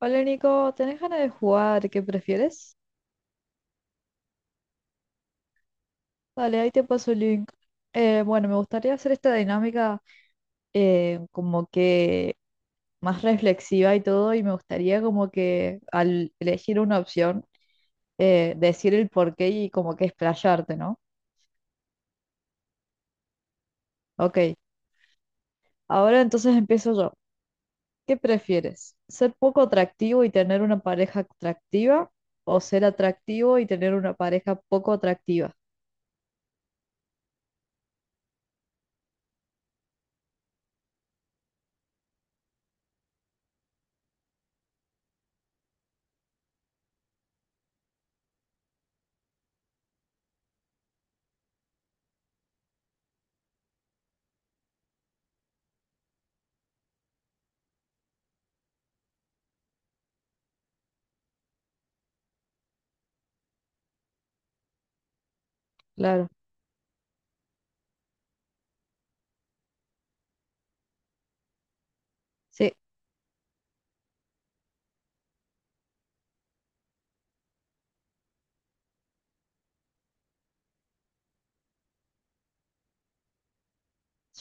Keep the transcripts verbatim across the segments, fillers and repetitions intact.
Hola Nico, ¿tenés ganas de jugar? ¿Qué prefieres? Dale, ahí te paso el link. Eh, bueno, me gustaría hacer esta dinámica eh, como que más reflexiva y todo, y me gustaría como que al elegir una opción, eh, decir el porqué y como que explayarte, ¿no? Ok, ahora entonces empiezo yo. ¿Qué prefieres? ¿Ser poco atractivo y tener una pareja atractiva? ¿O ser atractivo y tener una pareja poco atractiva? Claro, sí.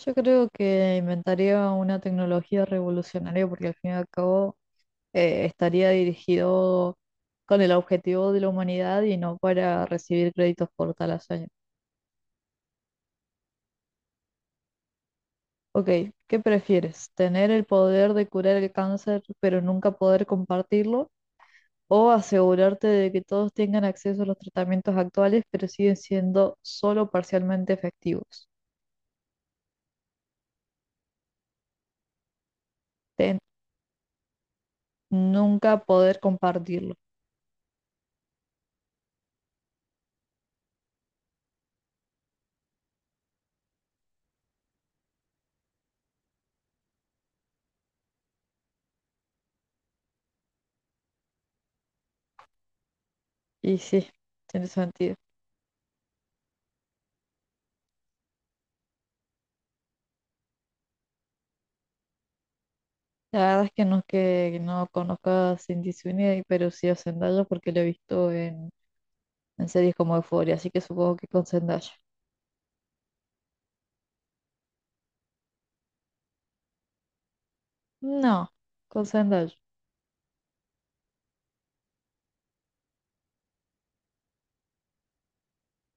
Yo creo que inventaría una tecnología revolucionaria porque al fin y al cabo eh, estaría dirigido con el objetivo de la humanidad y no para recibir créditos por tal hazaña. Ok, ¿qué prefieres? ¿Tener el poder de curar el cáncer pero nunca poder compartirlo? ¿O asegurarte de que todos tengan acceso a los tratamientos actuales pero siguen siendo solo parcialmente efectivos? Ten- Nunca poder compartirlo. Y sí, tiene sentido. La verdad es que no es que no conozco a Cindy Sweeney, pero sí a Zendaya porque la he visto en, en series como Euphoria, así que supongo que con Zendaya. No, con Zendaya.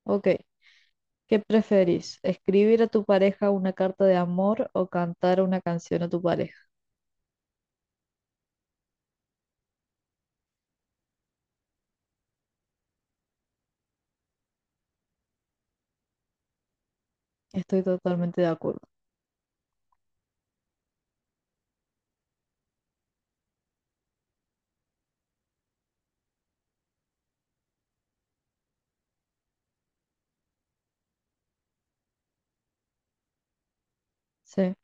Ok. ¿Qué preferís? ¿Escribir a tu pareja una carta de amor o cantar una canción a tu pareja? Estoy totalmente de acuerdo. Sí,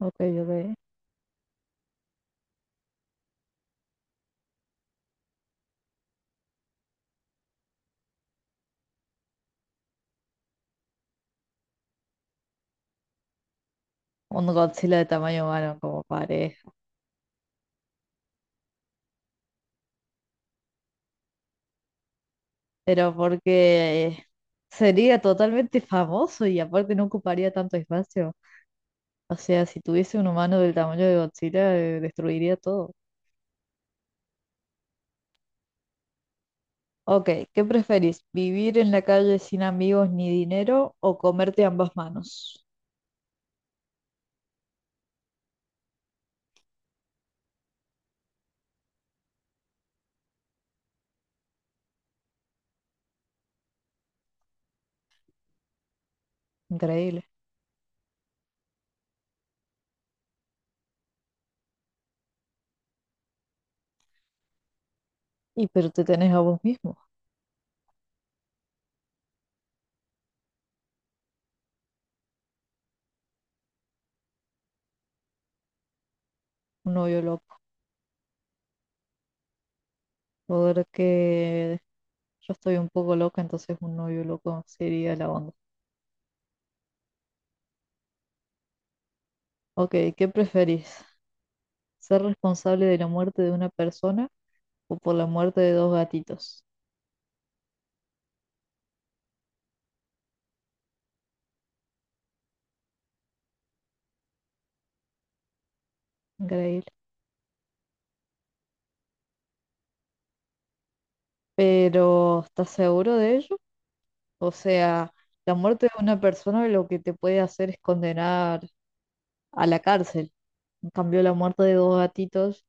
ok, ok. Un Godzilla de tamaño humano como pareja. Pero porque sería totalmente famoso y aparte no ocuparía tanto espacio. O sea, si tuviese un humano del tamaño de Godzilla, eh, destruiría todo. Ok, ¿qué preferís? ¿Vivir en la calle sin amigos ni dinero o comerte ambas manos? Increíble. Y pero te tenés a vos mismo, un novio loco. Porque yo estoy un poco loca, entonces un novio loco sería la onda. Ok, ¿qué preferís? ¿Ser responsable de la muerte de una persona o por la muerte de dos gatitos? Increíble. Pero, ¿estás seguro de ello? O sea, la muerte de una persona lo que te puede hacer es condenar a la cárcel. En cambio, la muerte de dos gatitos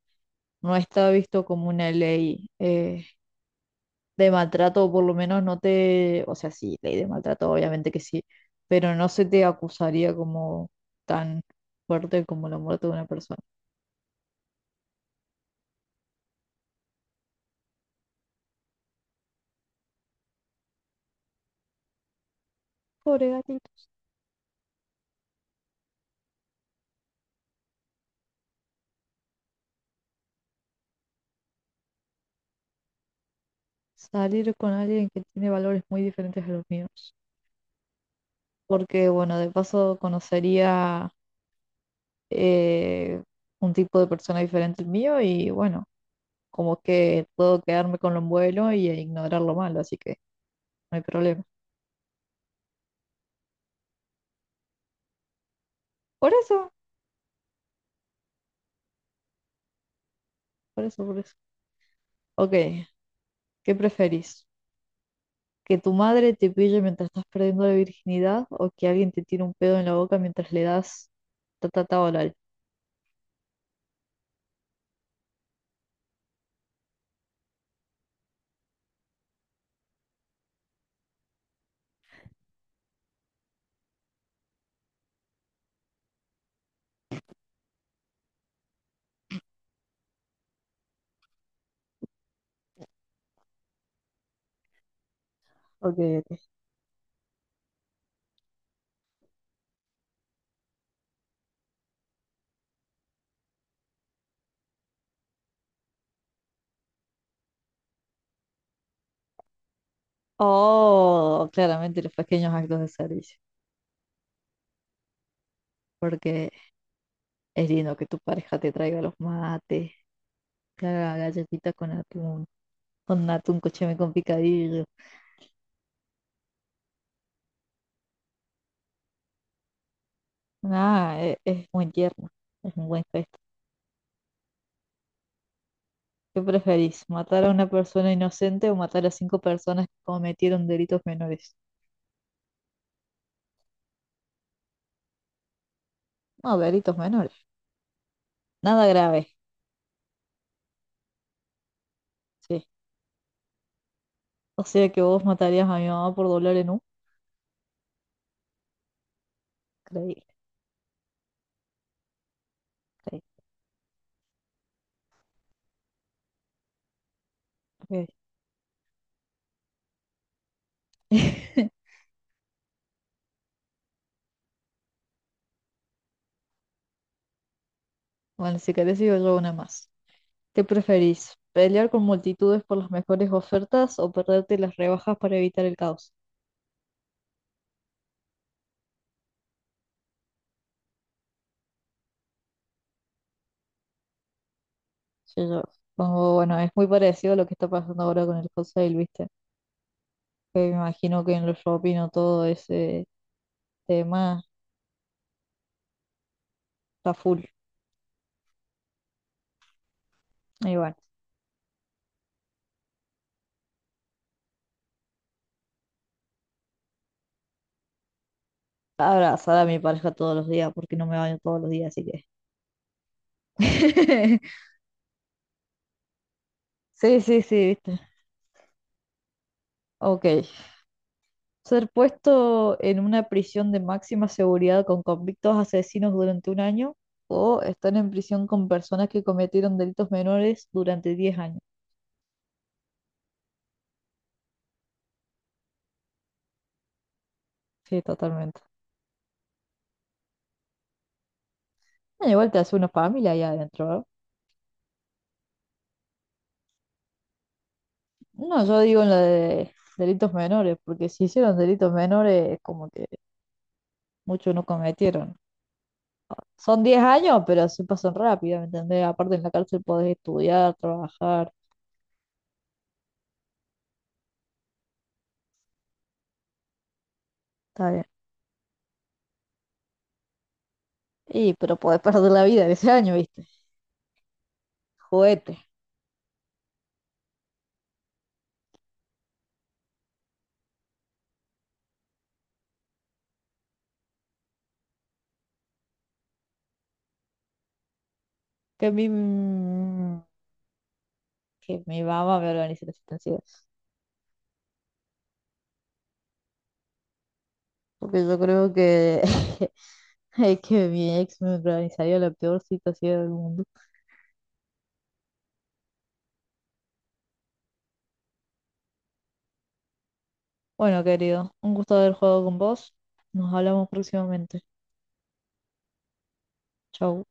no está visto como una ley eh, de maltrato, o por lo menos no te, o sea, sí, ley de maltrato, obviamente que sí, pero no se te acusaría como tan fuerte como la muerte de una persona. Pobre gatitos. Salir con alguien que tiene valores muy diferentes a los míos. Porque, bueno, de paso conocería eh, un tipo de persona diferente al mío y bueno, como que puedo quedarme con lo bueno y ignorar lo malo, así que no hay problema. Por eso, por eso, por eso. Ok, ¿qué preferís? ¿Que tu madre te pille mientras estás perdiendo la virginidad o que alguien te tire un pedo en la boca mientras le das ta ta ta oral? Ok, ok. Oh, claramente los pequeños actos de servicio. Porque es lindo que tu pareja te traiga los mates, claro, galletitas con atún. Con atún cocheme con picadillo. Ah, e- es, muy tierno, es un buen gesto. ¿Qué preferís, matar a una persona inocente o matar a cinco personas que cometieron delitos menores? No, delitos menores. Nada grave, sí. O sea que vos matarías a mi mamá por dolor en un... Creí, creí, creí. Bueno, si querés yo yo una más. ¿Qué preferís? ¿Pelear con multitudes por las mejores ofertas o perderte las rebajas para evitar el caos? Sí, yo pongo, bueno, es muy parecido a lo que está pasando ahora con el wholesale, ¿viste? Que me imagino que en los shopping o todo ese tema está full. Y bueno, abrazar a mi pareja todos los días porque no me baño todos los días, así que. Sí, sí, sí, viste. Ok. Ser puesto en una prisión de máxima seguridad con convictos asesinos durante un año o estar en prisión con personas que cometieron delitos menores durante diez años. Sí, totalmente. Ah, igual te hace una familia allá adentro, ¿no? No, yo digo en la de delitos menores, porque si hicieron delitos menores, es como que muchos no cometieron. Son diez años, pero se pasan rápido, ¿me entendés? Aparte en la cárcel podés estudiar, trabajar, está bien. Y, pero podés perder la vida en ese año, ¿viste? Juguete. Que mi, que mi mamá me organice las situaciones. Porque yo creo que, es que mi ex me organizaría la peor situación del mundo. Bueno, querido, un gusto haber jugado con vos. Nos hablamos próximamente. Chau.